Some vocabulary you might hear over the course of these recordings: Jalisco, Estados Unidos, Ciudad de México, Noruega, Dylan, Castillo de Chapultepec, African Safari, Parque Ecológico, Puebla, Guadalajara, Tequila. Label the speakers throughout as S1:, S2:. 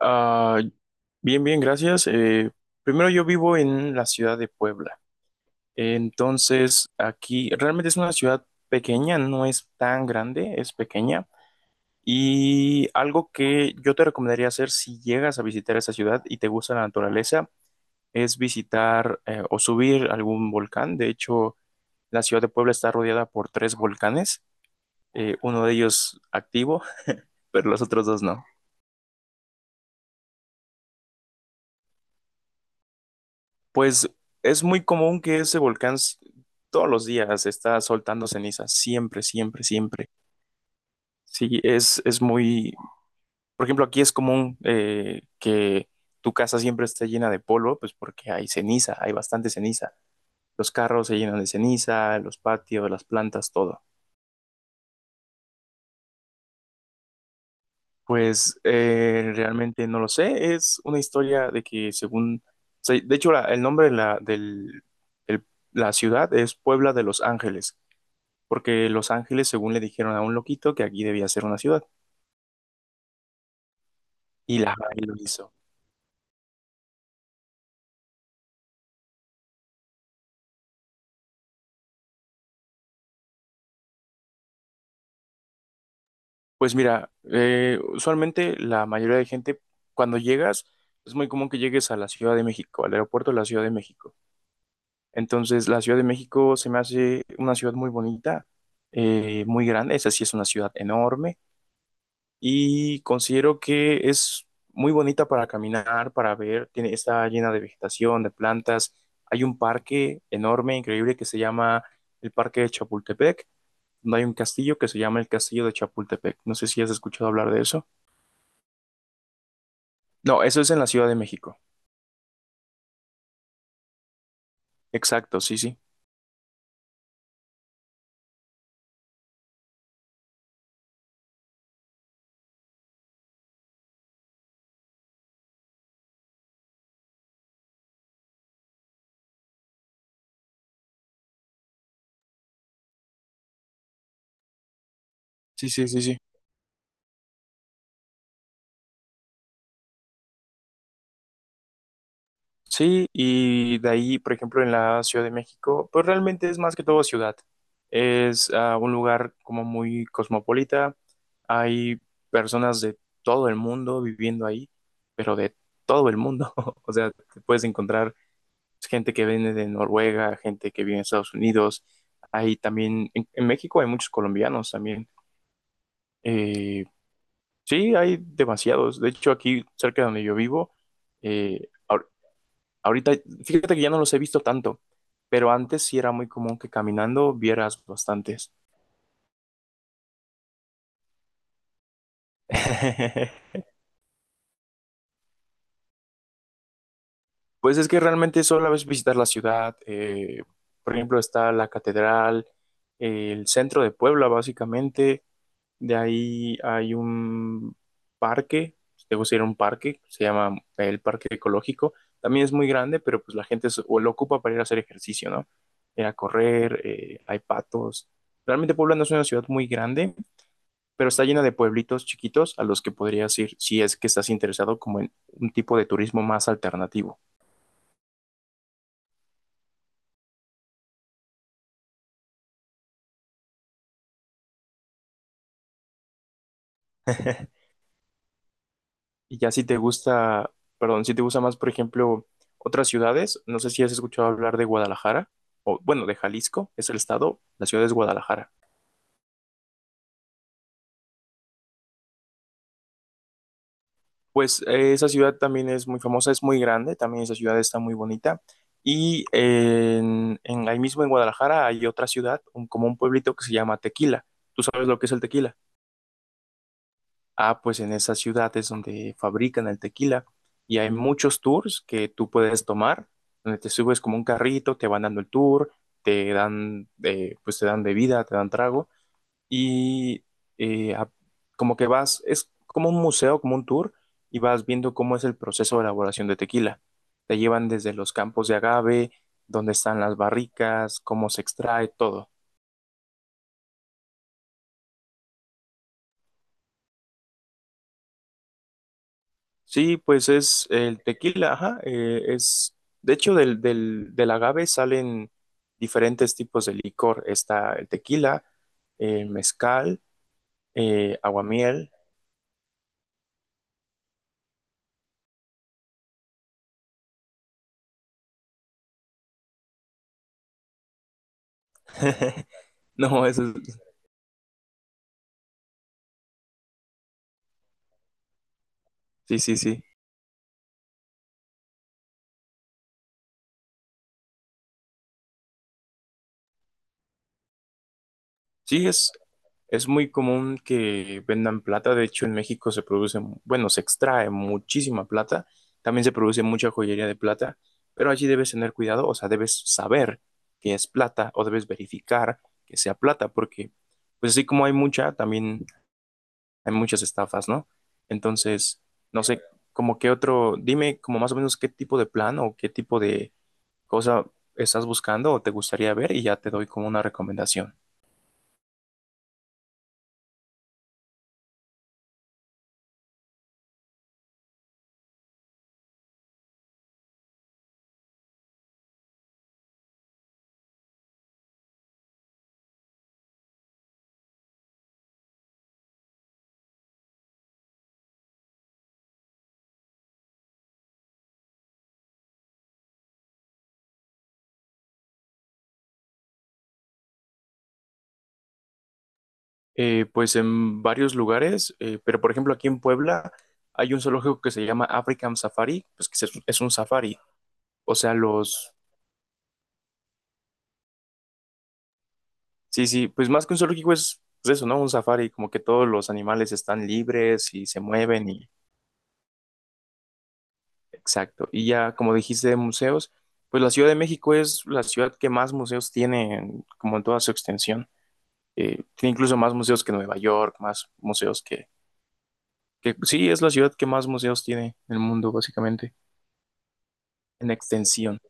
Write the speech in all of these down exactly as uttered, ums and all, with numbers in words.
S1: Ah, bien, bien, gracias. Eh, primero yo vivo en la ciudad de Puebla. Entonces, aquí realmente es una ciudad pequeña, no es tan grande, es pequeña. Y algo que yo te recomendaría hacer si llegas a visitar esa ciudad y te gusta la naturaleza es visitar eh, o subir algún volcán. De hecho, la ciudad de Puebla está rodeada por tres volcanes, eh, uno de ellos activo, pero los otros dos no. Pues es muy común que ese volcán s- todos los días está soltando cenizas, siempre, siempre, siempre. Sí, es, es muy, por ejemplo, aquí es común eh, que tu casa siempre esté llena de polvo, pues porque hay ceniza, hay bastante ceniza. Los carros se llenan de ceniza, los patios, las plantas, todo. Pues eh, realmente no lo sé, es una historia de que según, o sea, de hecho la- el nombre de la, del, el- la ciudad es Puebla de los Ángeles. Porque Los Ángeles, según le dijeron a un loquito, que aquí debía ser una ciudad, y la y lo hizo. Pues mira, eh, usualmente la mayoría de gente, cuando llegas, es muy común que llegues a la Ciudad de México, al aeropuerto de la Ciudad de México. Entonces, la Ciudad de México se me hace una ciudad muy bonita, eh, muy grande, esa sí es una ciudad enorme, y considero que es muy bonita para caminar, para ver, tiene, está llena de vegetación, de plantas. Hay un parque enorme, increíble, que se llama el Parque de Chapultepec, donde hay un castillo que se llama el Castillo de Chapultepec. No sé si has escuchado hablar de eso. No, eso es en la Ciudad de México. Exacto, sí, sí. Sí, sí, sí, sí. Sí, y de ahí, por ejemplo, en la Ciudad de México, pues realmente es más que todo ciudad. Es ah, un lugar como muy cosmopolita, hay personas de todo el mundo viviendo ahí, pero de todo el mundo. O sea, te puedes encontrar gente que viene de Noruega, gente que viene de Estados Unidos. Hay también, en, en México hay muchos colombianos también. Eh, sí, hay demasiados. De hecho, aquí cerca de donde yo vivo, eh, ahor- ahorita, fíjate que ya no los he visto tanto, pero antes sí era muy común que caminando vieras bastantes. Pues es que realmente solo es visitar la ciudad. Eh, por ejemplo, está la catedral, el centro de Puebla, básicamente. De ahí hay un parque, si te gusta ir a un parque, se llama el Parque Ecológico. También es muy grande, pero pues la gente es- o lo ocupa para ir a hacer ejercicio, ¿no? Ir a correr, eh, hay patos. Realmente Puebla no es una ciudad muy grande, pero está llena de pueblitos chiquitos a los que podrías ir si es que estás interesado como en un tipo de turismo más alternativo. Y ya si te gusta, perdón, si te gusta más, por ejemplo, otras ciudades, no sé si has escuchado hablar de Guadalajara, o bueno, de Jalisco, es el estado, la ciudad es Guadalajara. Pues eh, esa ciudad también es muy famosa, es muy grande, también esa ciudad está muy bonita. Y en, en- ahí mismo en Guadalajara hay otra ciudad, un- como un pueblito que se llama Tequila. ¿Tú sabes lo que es el tequila? Ah, pues en esas ciudades donde fabrican el tequila y hay muchos tours que tú puedes tomar, donde te subes como un carrito, te van dando el tour, te dan, eh, pues te dan bebida, te dan trago y eh, a- como que vas, es como un museo, como un tour y vas viendo cómo es el proceso de elaboración de tequila. Te llevan desde los campos de agave, donde están las barricas, cómo se extrae, todo. Sí, pues es el tequila, ajá, eh, es, de hecho, del, del, del agave salen diferentes tipos de licor. Está el tequila, el mezcal, eh, aguamiel. No, eso es, sí, sí, sí. Sí, es, es muy común que vendan plata. De hecho, en México se produce, bueno, se extrae muchísima plata. También se produce mucha joyería de plata, pero allí debes tener cuidado, o sea, debes saber que es plata o debes verificar que sea plata, porque pues así como hay mucha, también hay muchas estafas, ¿no? Entonces, no sé, como qué otro, dime como más o menos qué tipo de plan o qué tipo de cosa estás buscando o te gustaría ver y ya te doy como una recomendación. Eh, pues en varios lugares, eh, pero por ejemplo aquí en Puebla hay un zoológico que se llama African Safari, pues que es, es un safari. O sea, los... Sí, sí, pues más que un zoológico es pues eso, ¿no? Un safari, como que todos los animales están libres y se mueven y... Exacto. Y ya, como dijiste, de museos, pues la Ciudad de México es la ciudad que más museos tiene, en- como en toda su extensión. Eh, tiene incluso más museos que Nueva York, más museos que, que... Sí, es la ciudad que más museos tiene en el mundo, básicamente, en extensión.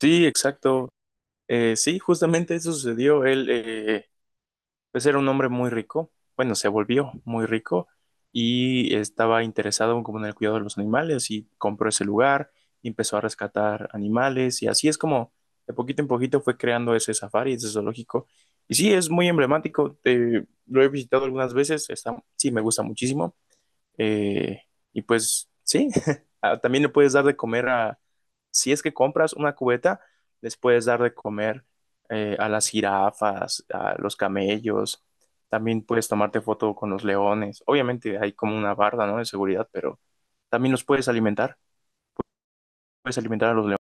S1: Sí, exacto. Eh, sí, justamente eso sucedió. Él, eh, pues era un hombre muy rico. Bueno, se volvió muy rico y estaba interesado como en el cuidado de los animales y compró ese lugar y empezó a rescatar animales y así es como de poquito en poquito fue creando ese safari, ese zoológico. Y sí, es muy emblemático. Eh, lo he visitado algunas veces. Está, sí, me gusta muchísimo. Eh, y pues sí, ah, también le puedes dar de comer a, si es que compras una cubeta, les puedes dar de comer eh, a las jirafas, a los camellos. También puedes tomarte foto con los leones. Obviamente hay como una barda, ¿no? De seguridad, pero también los puedes alimentar. Puedes alimentar a los leones.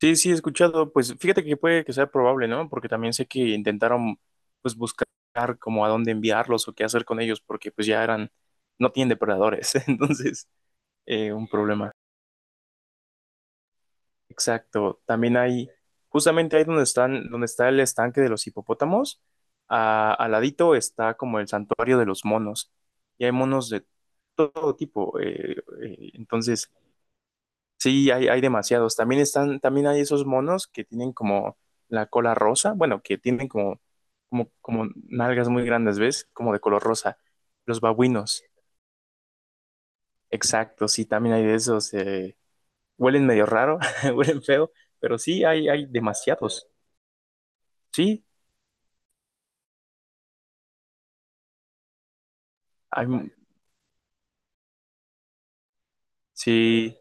S1: Sí, sí, he escuchado. Pues fíjate que puede que sea probable, ¿no? Porque también sé que intentaron, pues, buscar como a dónde enviarlos o qué hacer con ellos, porque pues ya eran, no tienen depredadores. Entonces, eh, un problema. Exacto. También hay, justamente ahí donde están, donde está el estanque de los hipopótamos, a- al ladito está como el santuario de los monos. Y hay monos de todo tipo. Eh, eh, entonces, sí, hay, hay demasiados. También están, también hay esos monos que tienen como la cola rosa, bueno, que tienen como, como, como nalgas muy grandes, ¿ves? Como de color rosa. Los babuinos. Exacto, sí, también hay de esos. Eh, huelen medio raro, huelen feo, pero sí, hay, hay demasiados. Sí, hay, sí,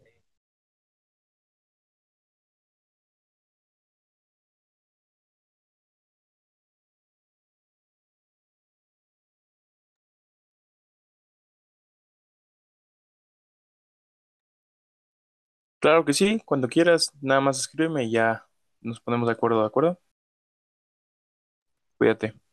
S1: claro que sí, cuando quieras, nada más escríbeme y ya nos ponemos de acuerdo, ¿de acuerdo? Cuídate.